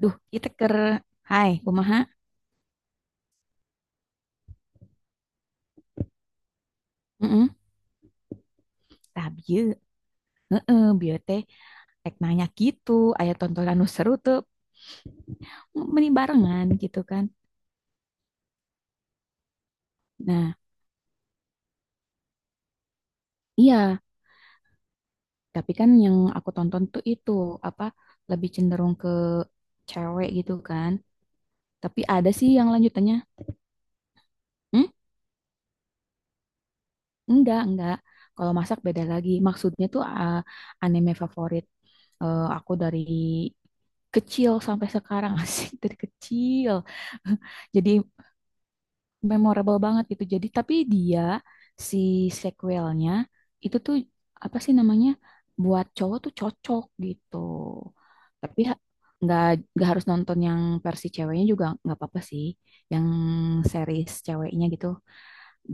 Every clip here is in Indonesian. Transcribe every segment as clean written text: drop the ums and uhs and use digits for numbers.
Duh, kita ker hai kumaha? Heeh. Tah bieu. Heeh, bieu teh rek nanya gitu, aya tontonan nu seru tuh meni barengan gitu kan. Nah, iya, tapi kan yang aku tonton tuh itu apa lebih cenderung ke cewek gitu kan. Tapi ada sih yang lanjutannya. Hmm? Enggak, enggak. Kalau masak beda lagi. Maksudnya tuh anime favorit aku dari kecil sampai sekarang asik dari kecil. Jadi memorable banget gitu. Jadi tapi dia si sequelnya itu tuh apa sih namanya buat cowok tuh cocok gitu. Tapi nggak nggak harus nonton yang versi ceweknya juga nggak apa-apa sih. Yang series ceweknya gitu.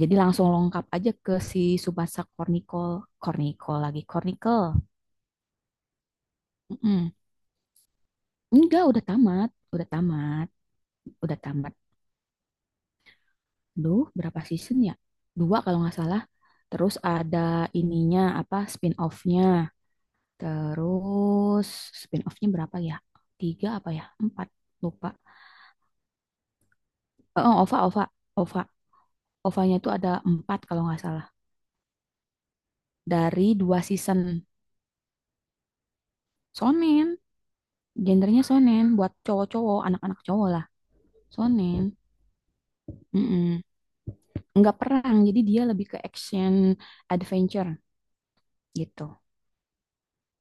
Jadi langsung lengkap aja ke si Tsubasa Chronicles, Chronicles lagi Chronicle. Mm-mm. Enggak, udah tamat, udah tamat, udah tamat. Duh, berapa season ya? Dua kalau nggak salah. Terus ada ininya, apa, spin-off-nya. Terus spin-off-nya berapa ya? Tiga apa ya? Empat, lupa. Oh, OVA, OVA, OVA. OVA-nya tuh ada empat kalau nggak salah. Dari dua season. Sonen, gendernya sonen. Buat cowok-cowok, anak-anak cowok lah. Sonen. Mm-mm. Nggak perang, jadi dia lebih ke action adventure gitu.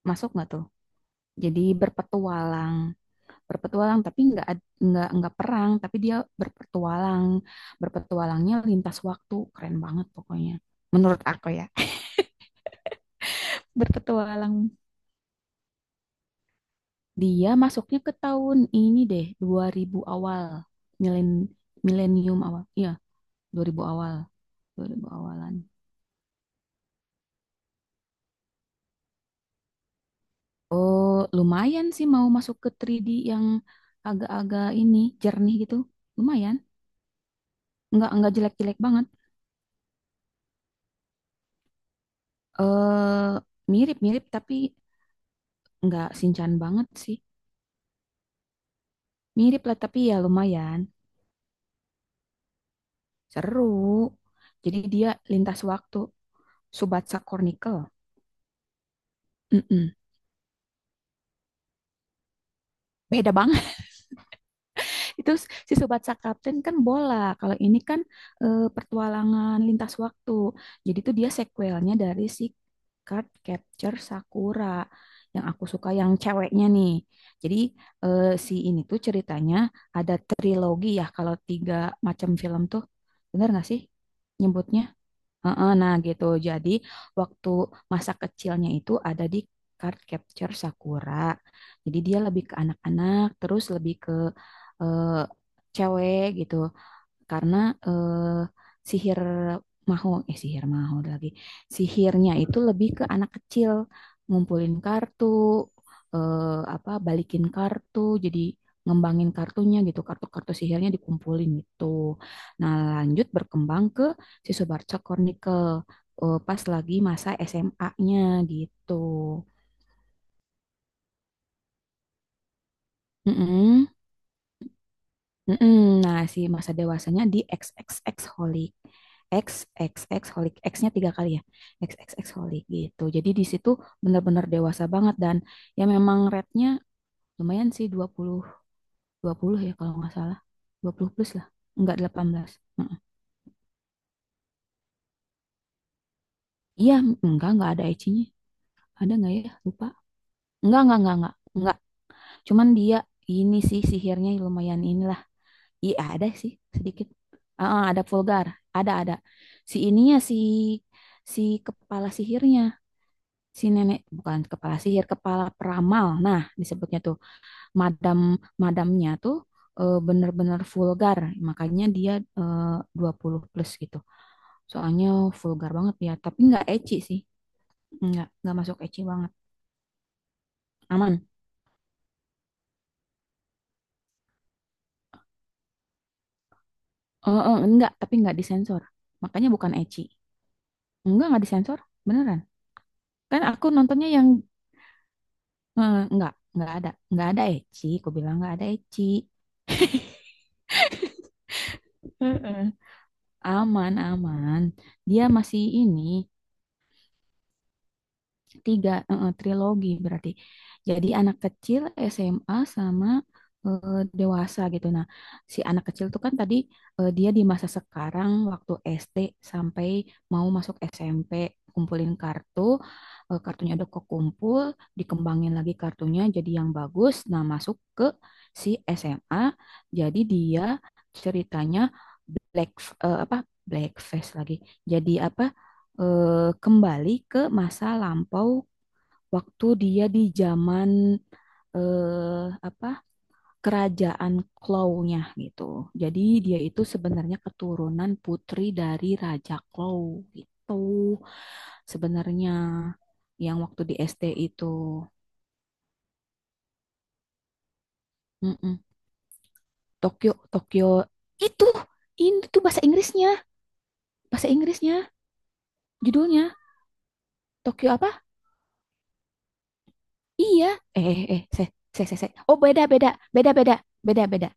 Masuk nggak tuh? Jadi berpetualang. Berpetualang tapi nggak perang tapi dia berpetualang berpetualangnya lintas waktu keren banget pokoknya menurut aku ya berpetualang dia masuknya ke tahun ini deh 2000 awal milen milenium awal iya 2000 awal 2000 awalan oh lumayan sih mau masuk ke 3D yang agak-agak ini jernih gitu lumayan nggak jelek-jelek banget eh mirip-mirip tapi nggak sinchan banget sih. Mirip lah tapi ya lumayan. Seru. Jadi dia lintas waktu. Subatsa Chronicle. Mm-mm. Beda banget. Itu si Subatsa Captain kan bola. Kalau ini kan petualangan lintas waktu. Jadi tuh dia sequelnya dari si Card Capture Sakura. Yang aku suka yang ceweknya nih. Jadi si ini tuh ceritanya ada trilogi ya. Kalau tiga macam film tuh. Bener gak sih nyebutnya? Heeh, nah gitu. Jadi waktu masa kecilnya itu ada di Card Capture Sakura. Jadi dia lebih ke anak-anak, terus lebih ke cewek gitu karena eh, sihir sihir maho lagi sihirnya itu lebih ke anak kecil ngumpulin kartu eh, apa balikin kartu jadi ngembangin kartunya gitu kartu-kartu sihirnya dikumpulin gitu nah lanjut berkembang ke si Subarca Chronicle pas lagi masa SMA-nya gitu. Mm-mm. Mm-mm. Nah, si masa dewasanya di XXX holic. XXX holic. X-nya tiga kali ya. XXX holic gitu. Jadi di situ benar-benar dewasa banget dan ya memang rate-nya lumayan sih dua puluh ya kalau nggak salah. Dua puluh plus lah. Enggak 18. Mm-mm. Iya, enggak ada ecinya. Ada nggak ya? Lupa. Enggak, enggak. Enggak. Cuman dia ini sih sihirnya lumayan inilah. Iya ada sih sedikit. Ada vulgar, ada. Si ininya si si kepala sihirnya, si nenek bukan kepala sihir, kepala peramal. Nah disebutnya tuh madam madamnya tuh bener-bener vulgar, makanya dia eh, dua puluh plus gitu. Soalnya vulgar banget ya, tapi nggak ecchi sih, nggak masuk ecchi banget, aman. Nggak, tapi nggak disensor, makanya bukan ecchi. Enggak nggak disensor, beneran. Kan aku nontonnya yang nggak, nggak ada Eci. Aku bilang nggak ada Eci. Mm-mm. Aman, aman. Dia masih ini, tiga, trilogi berarti. Jadi anak kecil, SMA, sama dewasa gitu. Nah, si anak kecil tuh kan tadi dia di masa sekarang waktu SD sampai mau masuk SMP kumpulin kartu, kartunya udah kekumpul, dikembangin lagi kartunya jadi yang bagus. Nah, masuk ke si SMA, jadi dia ceritanya black apa blackface lagi. Jadi apa kembali ke masa lampau waktu dia di zaman apa kerajaan Klaunya gitu. Jadi dia itu sebenarnya keturunan putri dari Raja Klau gitu sebenarnya yang waktu di SD itu. Mm-mm. Tokyo Tokyo itu ini tuh bahasa Inggrisnya, bahasa Inggrisnya judulnya. Tokyo apa? Iya. Eh eh eh, saya saya seh. Oh beda beda, beda beda, beda beda.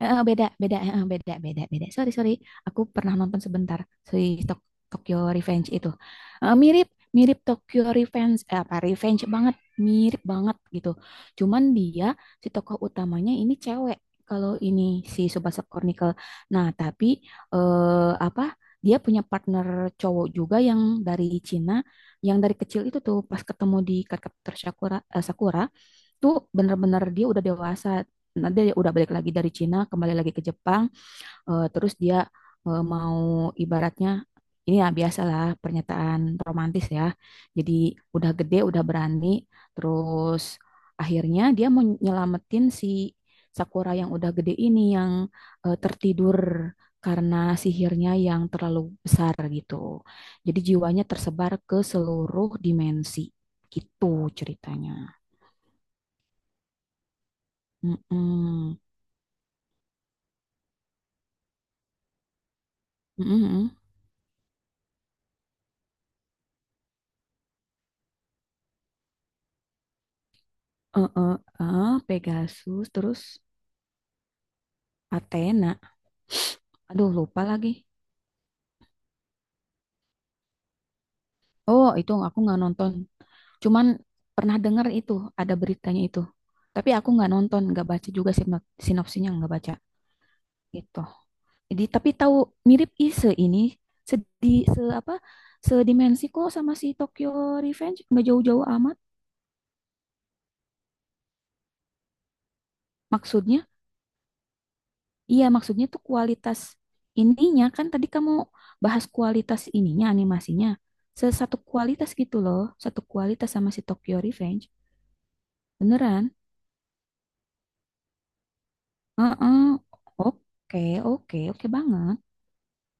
Heeh, beda, beda, heeh, beda, beda, beda. Sorry, sorry. Aku pernah nonton sebentar si Tok- Tokyo Revenge itu. Mirip, mirip Tokyo Revenge, apa Revenge banget, mirip banget gitu. Cuman dia si tokoh utamanya ini cewek. Kalau ini si Tsubasa Chronicle. Nah, tapi apa? Dia punya partner cowok juga yang dari Cina, yang dari kecil itu tuh pas ketemu di Cardcaptor Sakura, Sakura tuh bener-bener dia udah dewasa. Nanti dia udah balik lagi dari Cina, kembali lagi ke Jepang, terus dia mau ibaratnya ini ya biasalah pernyataan romantis ya. Jadi udah gede, udah berani, terus akhirnya dia mau nyelamatin si Sakura yang udah gede ini yang tertidur karena sihirnya yang terlalu besar gitu. Jadi jiwanya tersebar ke seluruh dimensi. Gitu ceritanya. Mm-mm. Mhm, mhm. Eh, eh, Pegasus, terus Athena. Aduh, lupa lagi. Oh, itu aku nggak nonton. Cuman pernah dengar itu, ada beritanya itu. Tapi aku nggak nonton, nggak baca juga sinopsinya, nggak baca. Gitu. Jadi, tapi tahu mirip Ise ini, sedi, se apa, sedimensi kok sama si Tokyo Revenge, nggak jauh-jauh amat. Maksudnya, iya, maksudnya tuh kualitas ininya kan tadi kamu bahas kualitas ininya animasinya. Sesatu kualitas gitu loh, satu kualitas sama si Tokyo Revenge. Beneran? Heeh. Oke, oke, oke banget.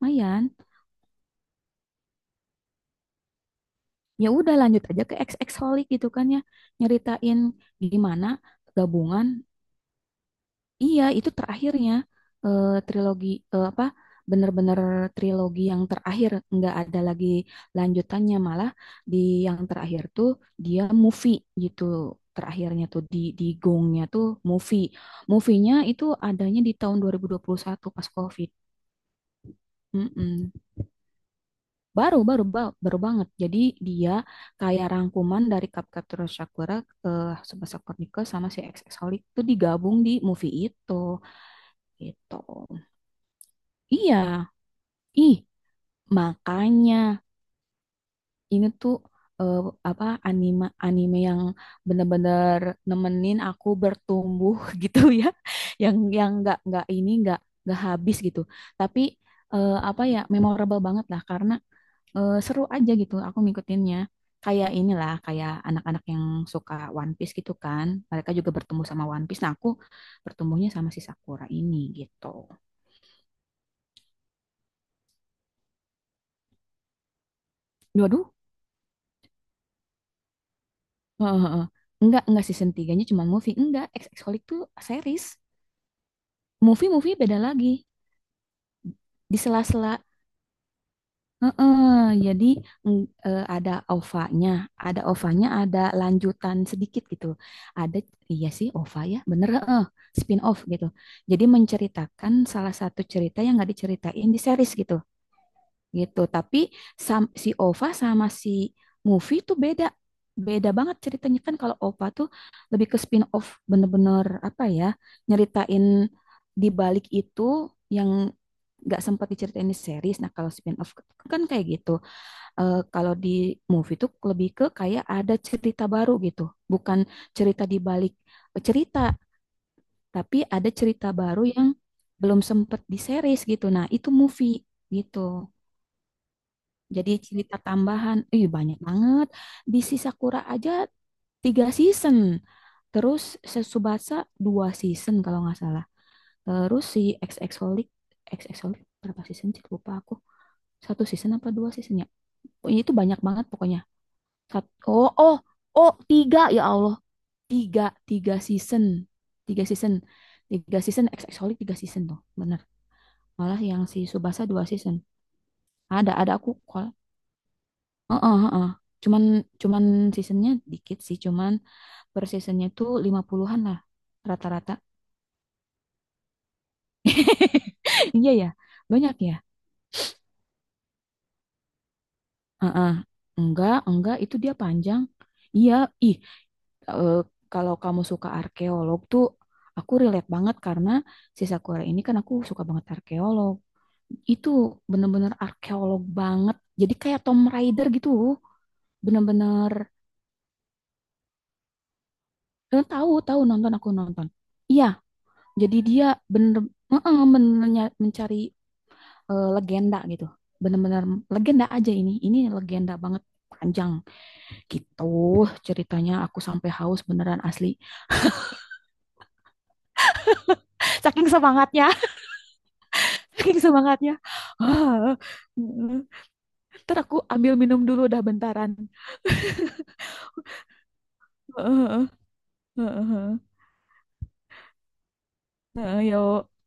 Mayan. Ya udah lanjut aja ke XX Holic gitu kan ya. Nyeritain gimana gabungan. Iya, itu terakhirnya trilogi apa bener-bener trilogi yang terakhir nggak ada lagi lanjutannya malah di yang terakhir tuh dia movie gitu terakhirnya tuh di gongnya tuh movie movie-nya itu adanya di tahun dua 2021 pas COVID. Mm-mm. Baru, baru banget jadi dia kayak rangkuman dari Capcaptor Sakura Tsubasa Chronicles sama si XX Holic itu digabung di movie itu gitu. Iya, ih, makanya ini tuh eh, apa anime anime yang bener-bener nemenin aku bertumbuh gitu ya, yang nggak ini nggak habis gitu. Tapi apa ya memorable banget lah karena seru aja gitu aku ngikutinnya. Kayak inilah kayak anak-anak yang suka One Piece gitu kan, mereka juga bertumbuh sama One Piece. Nah aku bertumbuhnya sama si Sakura ini gitu. Dua. Heeh, heeh. Enggak season 3 cuma movie. Enggak, XX Holic tuh series. Movie-movie beda lagi. Di sela-sela. Heeh, jadi ada ova. Ada ova ada lanjutan sedikit gitu. Ada, iya sih OVA ya, bener spin-off gitu. Jadi menceritakan salah satu cerita yang nggak diceritain di series gitu. Gitu. Tapi si Ova sama si Movie tuh beda. Beda banget ceritanya kan kalau Ova tuh lebih ke spin-off bener-bener apa ya, nyeritain di balik itu yang nggak sempat diceritain di series. Nah kalau spin-off kan kayak gitu. Kalau di movie tuh lebih ke kayak ada cerita baru gitu. Bukan cerita di balik cerita, tapi ada cerita baru yang belum sempat di series gitu. Nah itu movie gitu. Jadi cerita tambahan, ih banyak banget. Di Sisakura aja tiga season. Terus Tsubasa dua season kalau nggak salah. Terus si XX Holic, XX Holic berapa season sih? Lupa aku. Satu season apa dua season ya? Pokoknya itu banyak banget pokoknya. Oh, oh, oh, tiga ya Allah. Tiga season. Tiga season. Tiga season, XX Holic tiga season tuh. Bener. Malah yang si Tsubasa dua season. Ada aku. Heeh, heeh. Cuman cuman seasonnya dikit sih, cuman per seasonnya tuh 50-an lah rata-rata. Iya ya, banyak ya. Heeh. Enggak, itu dia panjang. Iya, ih, eh, kalau kamu suka arkeolog tuh aku relate banget karena si Sakura ini kan aku suka banget arkeolog. Itu bener-bener arkeolog banget. Jadi kayak Tom Raider gitu. Bener-bener tahu, tahu nonton aku nonton. Iya, jadi dia bener, heeh, bener mencari legenda gitu. Bener-bener legenda aja ini. Ini legenda banget panjang gitu ceritanya aku sampai haus beneran asli saking semangatnya saking semangatnya. Ah, heeh. Ntar aku ambil minum dulu dah bentaran. Heeh, heeh, heeh, heeh, yuk